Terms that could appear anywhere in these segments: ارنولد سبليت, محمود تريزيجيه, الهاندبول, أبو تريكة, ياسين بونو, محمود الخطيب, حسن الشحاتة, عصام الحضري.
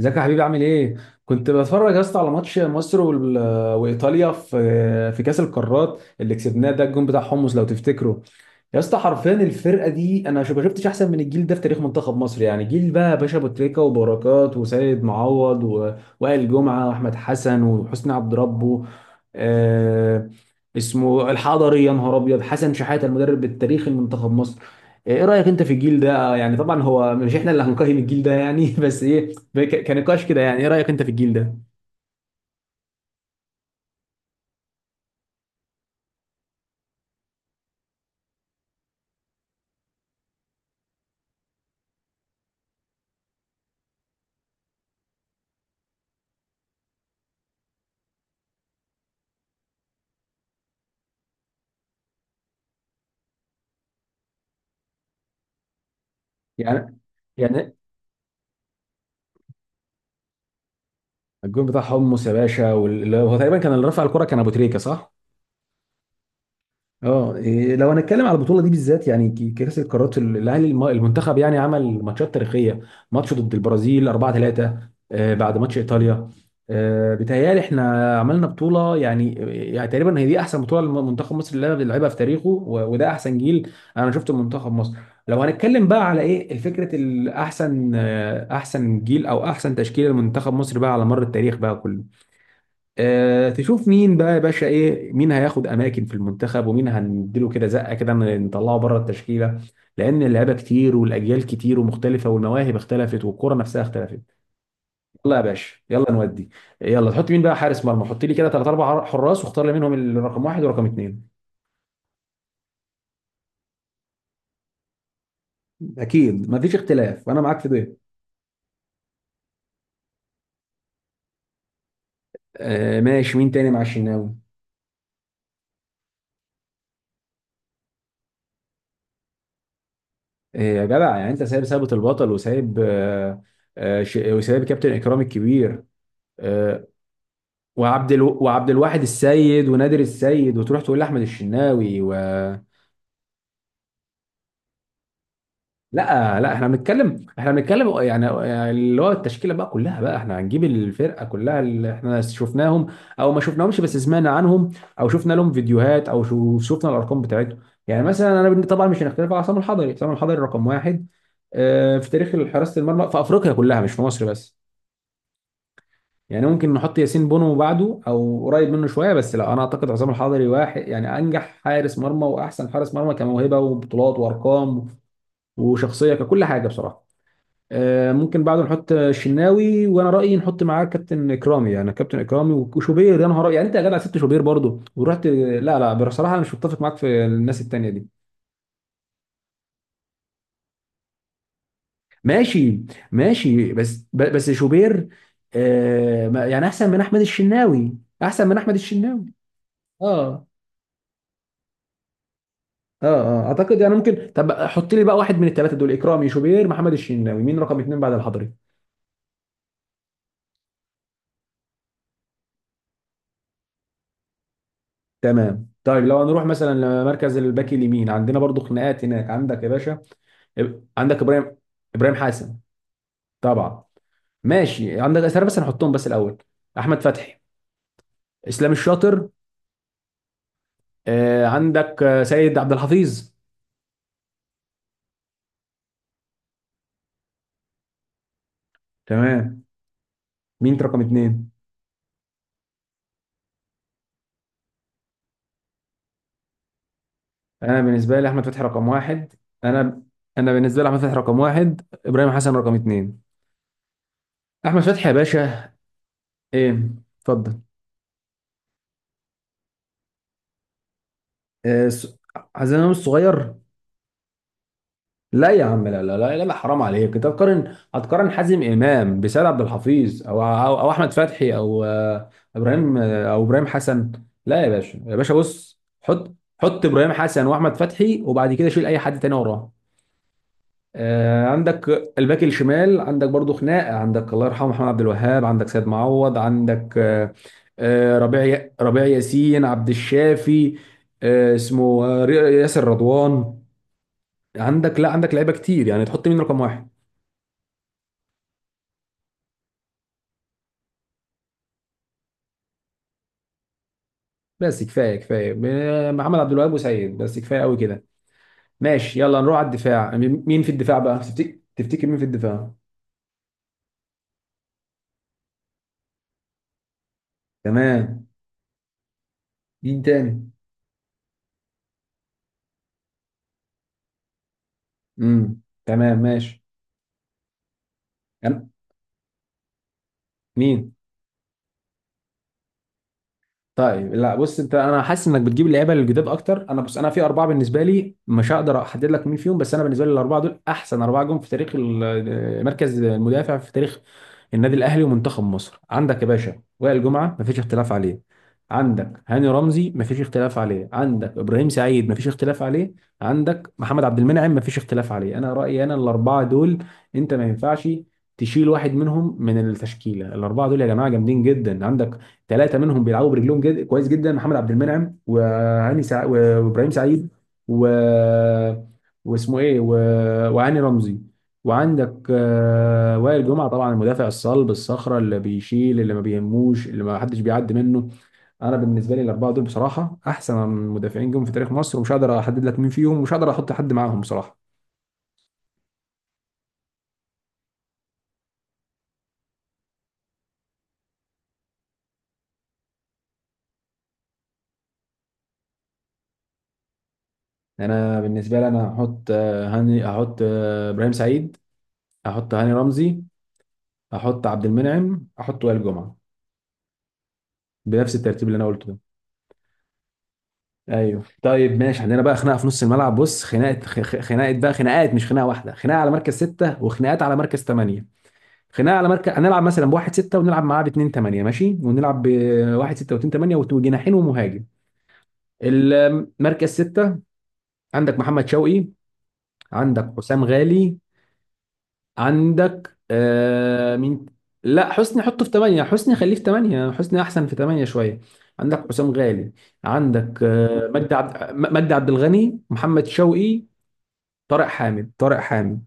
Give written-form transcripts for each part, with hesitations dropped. ازيك يا حبيبي عامل ايه؟ كنت بتفرج يا اسطى على ماتش مصر وايطاليا في كاس القارات اللي كسبناه ده الجون بتاع حمص لو تفتكره. يا اسطى حرفيا الفرقه دي انا ما شفتش احسن من الجيل ده في تاريخ منتخب مصر، يعني جيل بقى باشا ابو تريكه وبركات وسيد معوض وائل جمعه واحمد حسن وحسني عبد ربه. آه، اسمه الحضري، يا نهار ابيض، حسن شحاته المدرب التاريخي لمنتخب مصر. ايه رايك انت في الجيل ده؟ يعني طبعا هو مش احنا اللي هنقيم الجيل ده يعني بس ايه، كنقاش كده، يعني ايه رايك انت في الجيل ده؟ يعني يعني الجول بتاع حمص يا باشا، واللي هو تقريبا كان اللي رفع الكرة كان ابو تريكة، صح؟ اه إيه، لو هنتكلم على البطوله دي بالذات، يعني كاس القارات، الاهلي، المنتخب يعني عمل ماتشات تاريخيه، ماتش ضد البرازيل 4-3 بعد ماتش ايطاليا. بيتهيألي احنا عملنا بطوله يعني، يعني تقريبا هي دي احسن بطوله لمنتخب مصر اللي لعبها في تاريخه، وده احسن جيل انا شفته منتخب مصر. لو هنتكلم بقى على ايه الفكره الاحسن، احسن جيل او احسن تشكيله لمنتخب مصر بقى على مر التاريخ بقى كله. تشوف مين بقى يا باشا، ايه مين هياخد اماكن في المنتخب، ومين هنديله كده زقه كده نطلعه بره التشكيله، لان اللعيبه كتير والاجيال كتير ومختلفه والمواهب اختلفت والكره نفسها اختلفت. يلا يا باشا يلا نودي، يلا تحط مين بقى حارس مرمى، حط لي كده ثلاث اربع حراس واختار لي منهم الرقم واحد ورقم اثنين. اكيد ما فيش اختلاف وانا معاك في ده. آه ماشي، مين تاني مع الشناوي؟ آه يا جدع، يعني انت سايب ثابت البطل، وسايب آه، آه، وسايب كابتن اكرامي الكبير، وعبد الواحد السيد ونادر السيد، وتروح تقول لاحمد الشناوي و... لا لا، احنا بنتكلم يعني، يعني اللي هو التشكيله بقى كلها بقى، احنا هنجيب الفرقه كلها اللي احنا شفناهم او ما شفناهمش بس سمعنا عنهم، او شفنا لهم فيديوهات او شفنا الارقام بتاعتهم. يعني مثلا انا طبعا مش هنختلف على عصام الحضري، عصام الحضري رقم واحد في تاريخ حراسه المرمى في افريقيا كلها مش في مصر بس. يعني ممكن نحط ياسين بونو بعده او قريب منه شويه، بس لا، انا اعتقد عصام الحضري واحد يعني انجح حارس مرمى واحسن حارس مرمى كموهبه وبطولات وارقام وشخصيه ككل حاجه بصراحه. ممكن بعده نحط الشناوي، وانا رايي نحط معاه كابتن اكرامي، يعني كابتن اكرامي وشوبير، يا نهار أبيض. يعني انت يا جدع سبت شوبير برضه ورحت؟ لا لا، بصراحه انا مش متفق معاك في الناس التانيه دي. ماشي ماشي، بس شوبير يعني احسن من احمد الشناوي، احسن من احمد الشناوي. اه، اه، اه اعتقد يعني ممكن. طب حط لي بقى واحد من الثلاثه دول: اكرامي، شوبير، محمد الشناوي، مين رقم اتنين بعد الحضري؟ تمام. طيب لو هنروح مثلا لمركز الباك اليمين، عندنا برضو خناقات هناك عندك يا باشا. إب- عندك ابراهيم، ابراهيم حسن طبعا. ماشي، عندك اسامه، بس هنحطهم بس الاول: احمد فتحي، اسلام الشاطر، آه عندك سيد عبد الحفيظ. تمام، مين رقم اتنين؟ انا بالنسبه لي احمد فتحي رقم واحد. انا، انا بالنسبه لي احمد فتحي رقم واحد، ابراهيم حسن رقم اتنين. احمد فتحي يا باشا. ايه، اتفضل. آه، س- حازم امام الصغير؟ لا يا عم، لا، حرام عليك، انت هتقارن حازم امام بسيد عبد الحفيظ أو احمد فتحي او ابراهيم، او ابراهيم حسن؟ لا يا باشا، يا باشا بص، حط حط ابراهيم حسن واحمد فتحي، وبعد كده شيل اي حد تاني وراه. عندك الباك الشمال، عندك برضو خناقه، عندك الله يرحمه محمد عبد الوهاب، عندك سيد معوض، عندك ربيع ربيع ياسين، عبد الشافي، اسمه ياسر رضوان. عندك، لا عندك لعيبه كتير، يعني تحط مين رقم واحد؟ بس كفايه كفايه، محمد عبد الوهاب وسيد، بس كفايه قوي كده. ماشي، يلا نروح على الدفاع. مين مين في الدفاع بقى؟ تفتكر، تفتكر مين في الدفاع؟ تمام، مين تاني؟ امم، تمام ماشي. أنا- مين؟ طيب لا بص، انت انا حاسس انك بتجيب اللعيبه الجداد اكتر. انا بص انا في اربعه بالنسبه لي مش هقدر احدد لك مين فيهم، بس انا بالنسبه لي الاربعه دول احسن اربعه جم في تاريخ مركز المدافع في تاريخ النادي الاهلي ومنتخب مصر. عندك يا باشا وائل جمعه مفيش اختلاف عليه، عندك هاني رمزي مفيش اختلاف عليه، عندك ابراهيم سعيد مفيش اختلاف عليه، عندك محمد عبد المنعم مفيش اختلاف عليه. انا رايي انا الاربعه دول، انت ما ينفعش تشيل واحد منهم من التشكيله. الاربعه دول يا جماعه جامدين جدا. عندك ثلاثه منهم بيلعبوا برجلهم كويس جدا: محمد عبد المنعم، وابراهيم سعيد، و... واسمه ايه و... وهاني رمزي، وعندك وائل جمعه طبعا المدافع الصلب الصخره اللي بيشيل، اللي ما بيهموش، اللي ما حدش بيعدي منه. انا بالنسبه لي الاربعه دول بصراحه احسن مدافعين جم في تاريخ مصر، ومش هقدر احدد لك مين فيهم، ومش هقدر احط حد معاهم بصراحه. يعني انا بالنسبه لي انا هحط آه، هاني هحط آه، ابراهيم سعيد، هحط هاني رمزي، هحط عبد المنعم، هحط وائل جمعه، بنفس الترتيب اللي انا قلته ده. ايوه طيب ماشي، عندنا بقى خناقه في نص الملعب، بص خناقه بقى، خناقات مش خناقه واحده، خناقه على مركز سته وخناقات على مركز ثمانيه. خناقه على مركز، هنلعب مثلا بواحد سته ونلعب معاه باتنين ثمانيه، ماشي، ونلعب بواحد سته واتنين ثمانيه وجناحين ومهاجم. المركز سته: عندك محمد شوقي، عندك حسام غالي، عندك آه مين؟ لا حسني حطه في 8، حسني خليه في 8، حسني احسن في 8 شويه. عندك حسام غالي، عندك آه مجدي مجدي عبد الغني، محمد شوقي، طارق حامد،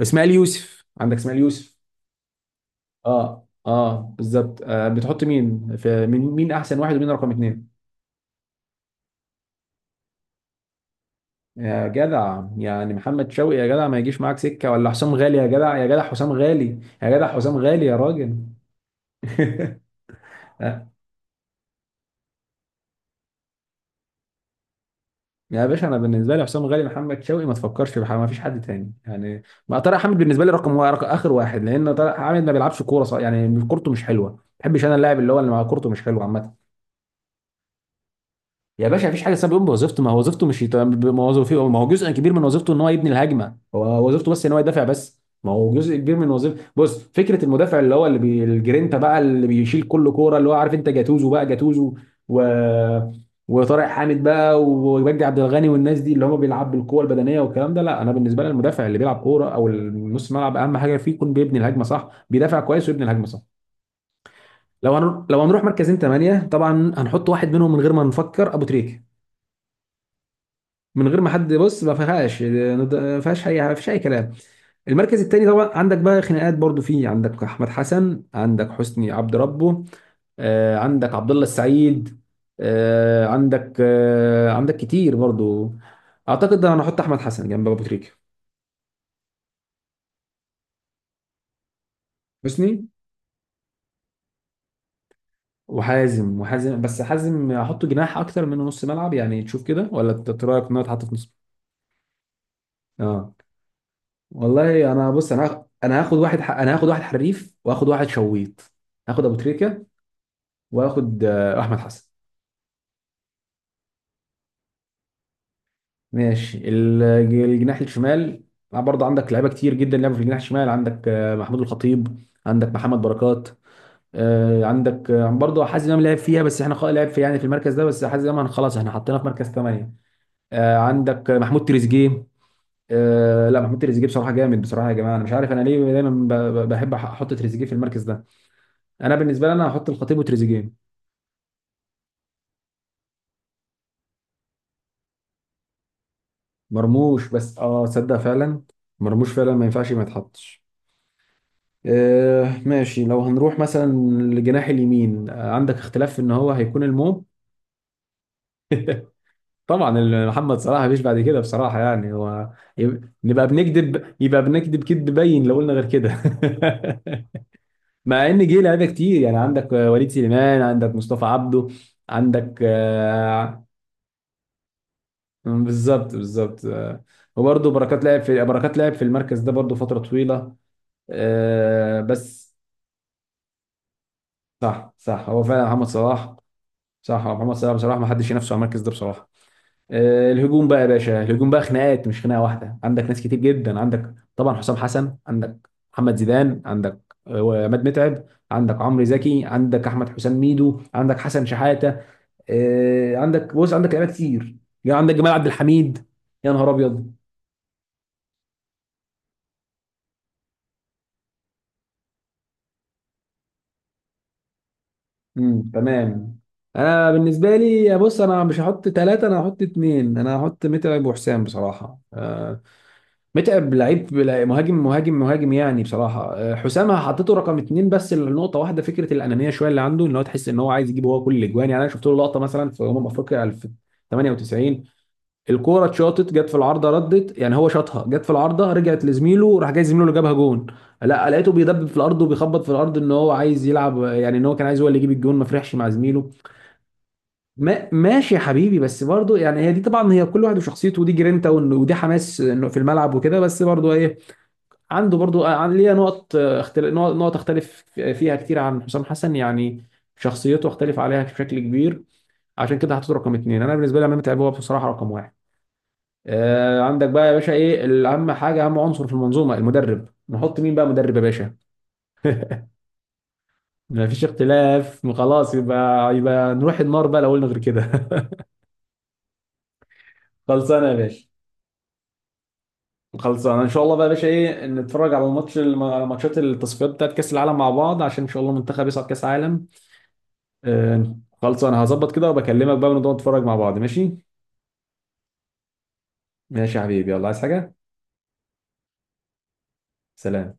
اسماعيل يوسف، عندك اسماعيل يوسف. اه اه بالظبط، آه بتحط مين في مين، مين احسن واحد ومين رقم اتنين؟ يا جدع يعني محمد شوقي، يا جدع ما يجيش معاك سكه، ولا حسام غالي، يا جدع يا جدع حسام غالي، يا جدع حسام غالي يا راجل. يا باشا انا بالنسبه لي حسام غالي، محمد شوقي، ما تفكرش بحاجه، ما فيش حد تاني يعني. ما طارق حامد بالنسبه لي رقم واحد، رقم اخر واحد، لان طارق حامد ما بيلعبش كوره صح، يعني كورته مش حلوه، ما بحبش انا اللاعب اللي هو اللي مع كورته مش حلوه عامه. يا باشا مفيش حاجه اسمها بيقوم بوظيفته، ما هو وظيفته مش يت... ما هو وظيفته ما هو جزء كبير من وظيفته ان هو يبني الهجمه، هو وظيفته بس ان هو يدافع بس؟ ما هو جزء كبير من وظيفته. بص فكره المدافع اللي هو الجرينتا بقى، اللي بيشيل كل كوره، اللي هو عارف انت جاتوزو بقى، جاتوزو و... وطارق حامد بقى، ومجدي عبد الغني، والناس دي اللي هم بيلعب بالقوه البدنيه والكلام ده. لا انا بالنسبه لي المدافع اللي بيلعب كوره او النص ملعب اهم حاجه فيه يكون بيبني الهجمه صح، بيدافع كويس ويبني الهجمه صح. لو هنروح مركزين ثمانيه، طبعا هنحط واحد منهم من غير ما نفكر: ابو تريكه. من غير ما حد بص، ما فيهاش يعني، ما فيش اي كلام. المركز التاني طبعا عندك بقى خناقات برضو فيه، عندك احمد حسن، عندك حسني عبد ربه، عندك عبد الله السعيد، عندك كتير برضو. اعتقد انا هحط احمد حسن جنب ابو تريكه. حسني، وحازم، وحازم، بس حازم احطه جناح اكتر من نص ملعب يعني، تشوف كده، ولا انت رايك ان هو يتحط في نص؟ اه. والله انا بص، انا هاخد انا هاخد واحد حريف، واخد واحد شويط. هاخد ابو تريكه، واخد احمد حسن. ماشي الجناح الشمال، برضه عندك لعيبه كتير جدا لعبوا في الجناح الشمال، عندك محمود الخطيب، عندك محمد بركات، آه، عندك آه، برضه حازم امام لعب فيها، بس احنا لعب في يعني في المركز ده، بس حازم امام خلاص احنا حطيناه في مركز ثمانية. آه، عندك آه، محمود تريزيجيه. لا محمود تريزيجيه بصراحه جامد، بصراحه يا جماعه انا مش عارف انا ليه دايما بحب احط تريزيجيه في المركز ده. انا بالنسبه لي انا هحط الخطيب وتريزيجيه. مرموش، بس اه صدق فعلا، مرموش فعلا ما ينفعش ما يتحطش. آه ماشي، لو هنروح مثلا للجناح اليمين، آه عندك اختلاف في ان هو هيكون المو... طبعا محمد صلاح مفيش بعد كده بصراحة، يعني هو... نبقى بنكذب، يبقى بنكذب كذب باين لو قلنا غير كده. مع ان جه لعيبه كتير، يعني عندك وليد سليمان، عندك مصطفى عبده، عندك آه، بالظبط بالظبط وبرضه بركات لعب في، بركات لعب في المركز ده برضه فترة طويلة. بس صح صح هو فعلا محمد صلاح، صح هو محمد صلاح بصراحه ما حدش ينافسه على المركز ده بصراحه. الهجوم بقى يا باشا، الهجوم بقى خناقات مش خناقه واحده، عندك ناس كتير جدا، عندك طبعا حسام حسن، عندك محمد زيدان، عندك عماد متعب، عندك عمرو زكي، عندك احمد حسام ميدو، عندك حسن شحاته. عندك بص عندك لعيبه كتير يعني، عندك جمال عبد الحميد، يا نهار ابيض. امم، تمام. انا بالنسبه لي بص، انا مش هحط ثلاثه انا هحط اثنين، انا هحط متعب وحسام بصراحه. متعب لعيب مهاجم مهاجم مهاجم يعني بصراحه. حسام حطيته رقم اتنين بس لنقطه واحده، فكره الانانيه شويه اللي عنده، ان هو تحس ان هو عايز يجيب هو كل الاجوان. يعني انا شفت له لقطه مثلا في افريقيا 98، الكوره اتشاطت جت في العارضه ردت، يعني هو شاطها جت في العارضه رجعت لزميله، راح جاي زميله اللي جابها جون، لا لقيته بيدبب في الارض وبيخبط في الارض ان هو عايز يلعب، يعني ان هو كان عايز هو اللي يجيب الجون، ما فرحش مع زميله. ما ماشي يا حبيبي، بس برضه يعني هي دي طبعا، هي كل واحد وشخصيته، ودي جرينتا، ودي حماس إنه في الملعب وكده. بس برضه ايه، عنده برضو آه، عن ليا نقط اختلاف، نقط اختلف فيها كتير عن حسام حسن يعني، شخصيته اختلف عليها بشكل كبير، عشان كده حطيته رقم اتنين. انا بالنسبه لي امام، متعب هو بصراحه رقم واحد. آه عندك بقى يا باشا ايه الاهم حاجه، اهم عنصر في المنظومه المدرب، نحط مين بقى مدرب يا باشا؟ ما فيش اختلاف خلاص، يبقى نروح النار بقى لو قلنا غير كده. خلصانه يا باشا، خلصانه ان شاء الله بقى يا باشا. ايه، نتفرج على على ماتشات التصفيات بتاعت كاس العالم مع بعض، عشان ان شاء الله المنتخب يصعد كاس عالم. آه، خلص، انا هظبط كده وبكلمك بقى ونقعد نتفرج مع بعض، ماشي؟ ماشي يا حبيبي، يلا. عايز حاجة؟ سلام.